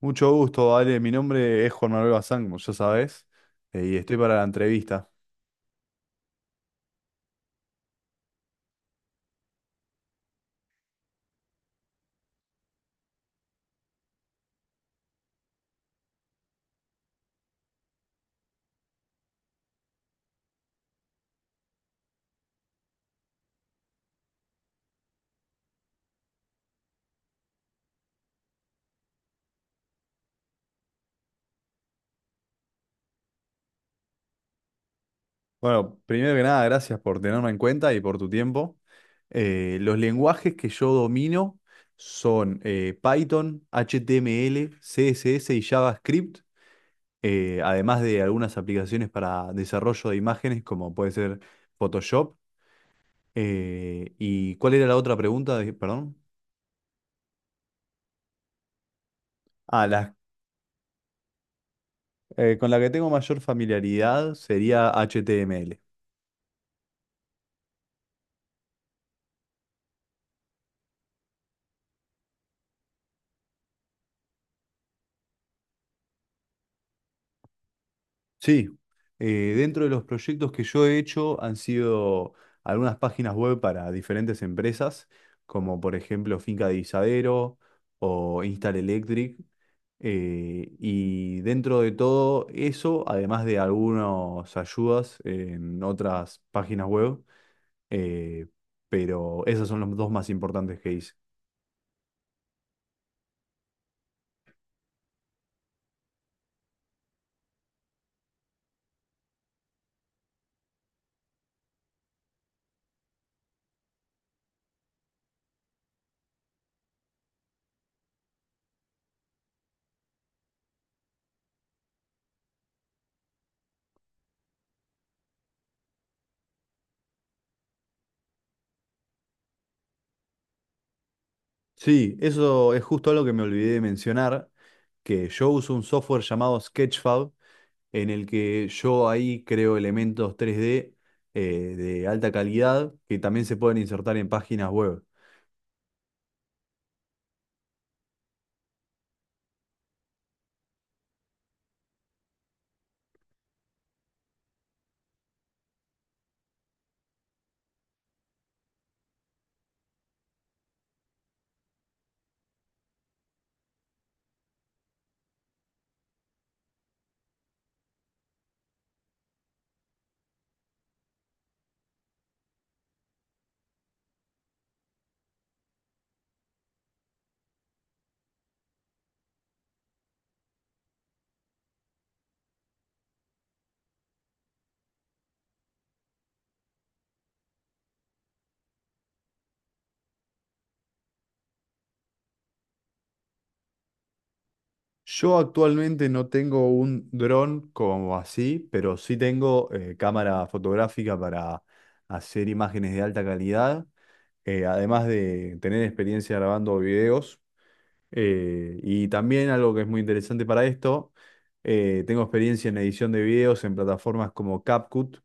Mucho gusto, Ale. Mi nombre es Juan Manuel Bazán, como ya sabes, y estoy para la entrevista. Bueno, primero que nada, gracias por tenerme en cuenta y por tu tiempo. Los lenguajes que yo domino son Python, HTML, CSS y JavaScript, además de algunas aplicaciones para desarrollo de imágenes, como puede ser Photoshop. ¿Y cuál era la otra pregunta? Perdón. Ah, la, con la que tengo mayor familiaridad sería HTML. Sí, dentro de los proyectos que yo he hecho han sido algunas páginas web para diferentes empresas, como por ejemplo Finca de Isadero o Instal Electric. Y dentro de todo eso, además de algunas ayudas en otras páginas web, eh, pero esas son los dos más importantes que hice. Sí, eso es justo algo que me olvidé de mencionar, que yo uso un software llamado Sketchfab en el que yo ahí creo elementos tres d de alta calidad que también se pueden insertar en páginas web. Yo actualmente no tengo un dron como así, pero sí tengo cámara fotográfica para hacer imágenes de alta calidad, además de tener experiencia grabando videos. Y también algo que es muy interesante para esto, tengo experiencia en edición de videos en plataformas como CapCut,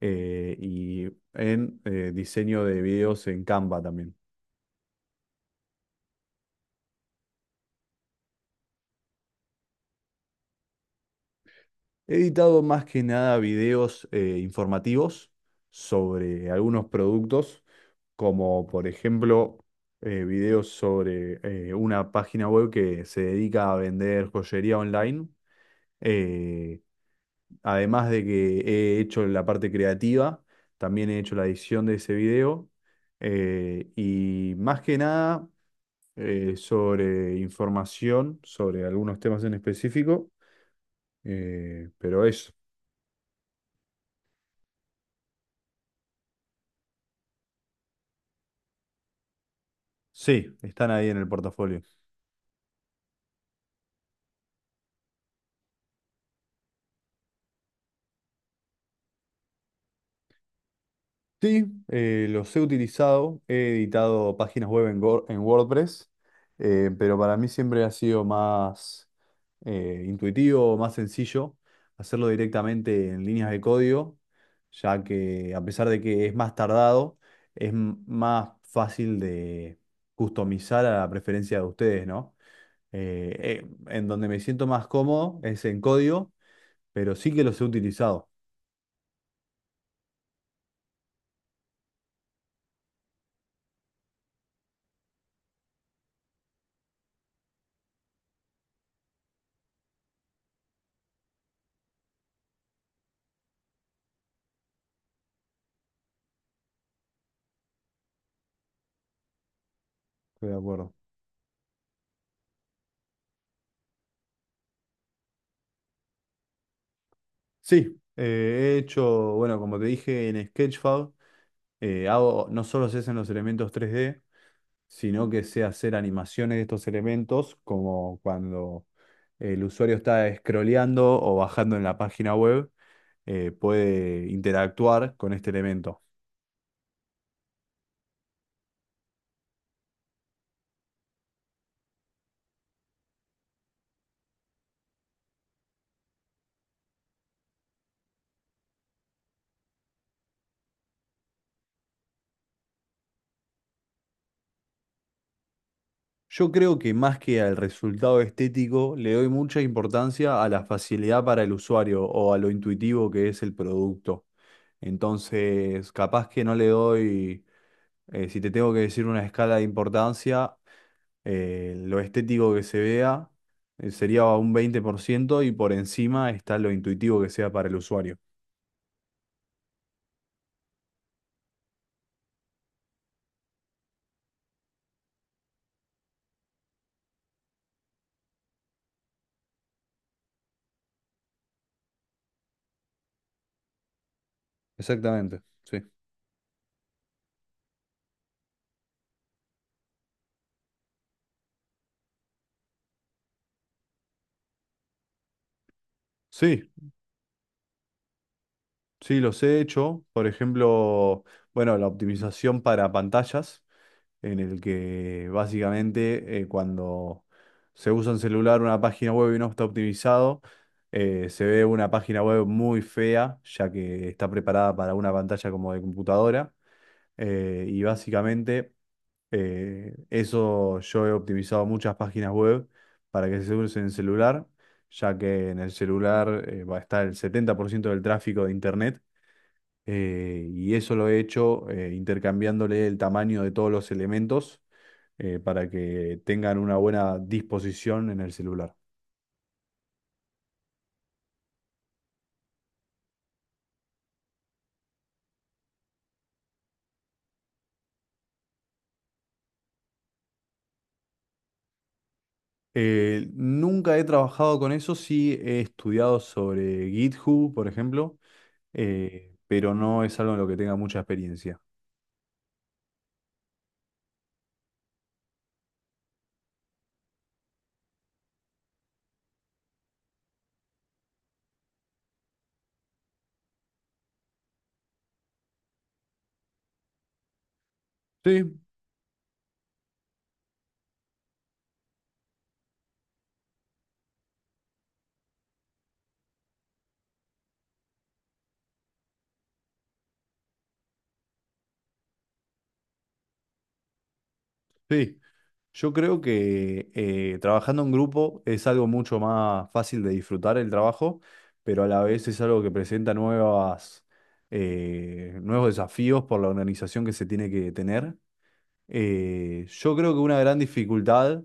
y en diseño de videos en Canva también. He editado más que nada videos informativos sobre algunos productos, como por ejemplo videos sobre una página web que se dedica a vender joyería online. Eh, Además de que he hecho la parte creativa, también he hecho la edición de ese video. Y más que nada sobre información, sobre algunos temas en específico, pero eso. Sí, están ahí en el portafolio. Sí, los he utilizado, he editado páginas web en, en WordPress, pero para mí siempre ha sido más intuitivo, más sencillo hacerlo directamente en líneas de código, ya que a pesar de que es más tardado, es más fácil de customizar a la preferencia de ustedes, ¿no? En donde me siento más cómodo es en código, pero sí que los he utilizado. Estoy de acuerdo. Sí, he hecho, bueno, como te dije en Sketchfab, hago, no solo se hacen los elementos tres d sino que sé hacer animaciones de estos elementos, como cuando el usuario está scrolleando o bajando en la página web, puede interactuar con este elemento. Yo creo que más que al resultado estético, le doy mucha importancia a la facilidad para el usuario o a lo intuitivo que es el producto. Entonces, capaz que no le doy, si te tengo que decir una escala de importancia, lo estético que se vea, sería un 20% y por encima está lo intuitivo que sea para el usuario. Exactamente, sí. Sí, sí, los he hecho. Por ejemplo, bueno, la optimización para pantallas. En el que básicamente cuando se usa un celular, una página web y no está optimizado, se ve una página web muy fea, ya que está preparada para una pantalla como de computadora. Y básicamente eso yo he optimizado muchas páginas web para que se usen en celular, ya que en el celular va a estar el 70% del tráfico de internet. Y eso lo he hecho intercambiándole el tamaño de todos los elementos para que tengan una buena disposición en el celular. Nunca he trabajado con eso, sí he estudiado sobre GitHub, por ejemplo, pero no es algo en lo que tenga mucha experiencia. Sí, sí. Yo creo que trabajando en grupo es algo mucho más fácil de disfrutar el trabajo, pero a la vez es algo que presenta nuevos desafíos por la organización que se tiene que tener. Yo creo que una gran dificultad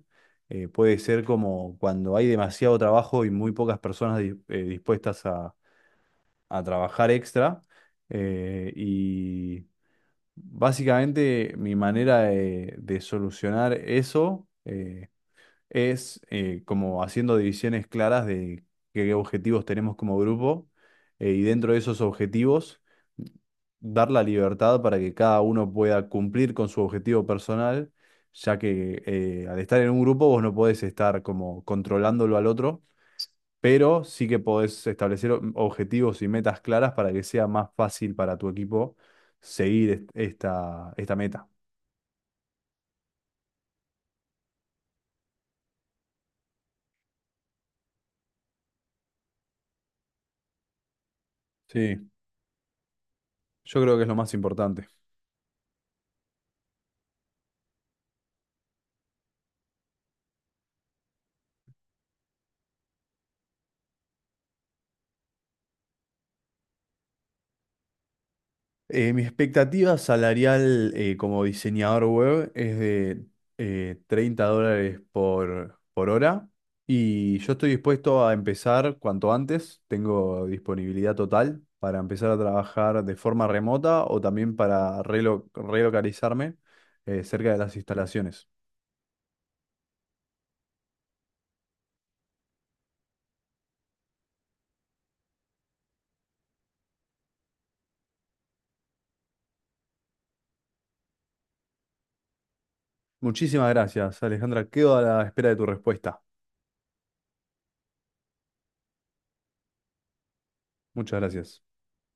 puede ser como cuando hay demasiado trabajo y muy pocas personas dispuestas a trabajar extra. Y básicamente mi manera de solucionar eso, es como haciendo divisiones claras de qué objetivos tenemos como grupo y dentro de esos objetivos dar la libertad para que cada uno pueda cumplir con su objetivo personal, ya que al estar en un grupo vos no podés estar como controlándolo al otro, pero sí que podés establecer objetivos y metas claras para que sea más fácil para tu equipo seguir esta meta. Sí, yo creo que es lo más importante. Mi expectativa salarial como diseñador web es de $30 por hora y yo estoy dispuesto a empezar cuanto antes. Tengo disponibilidad total para empezar a trabajar de forma remota o también para relocalizarme cerca de las instalaciones. Muchísimas gracias, Alejandra. Quedo a la espera de tu respuesta. Muchas gracias.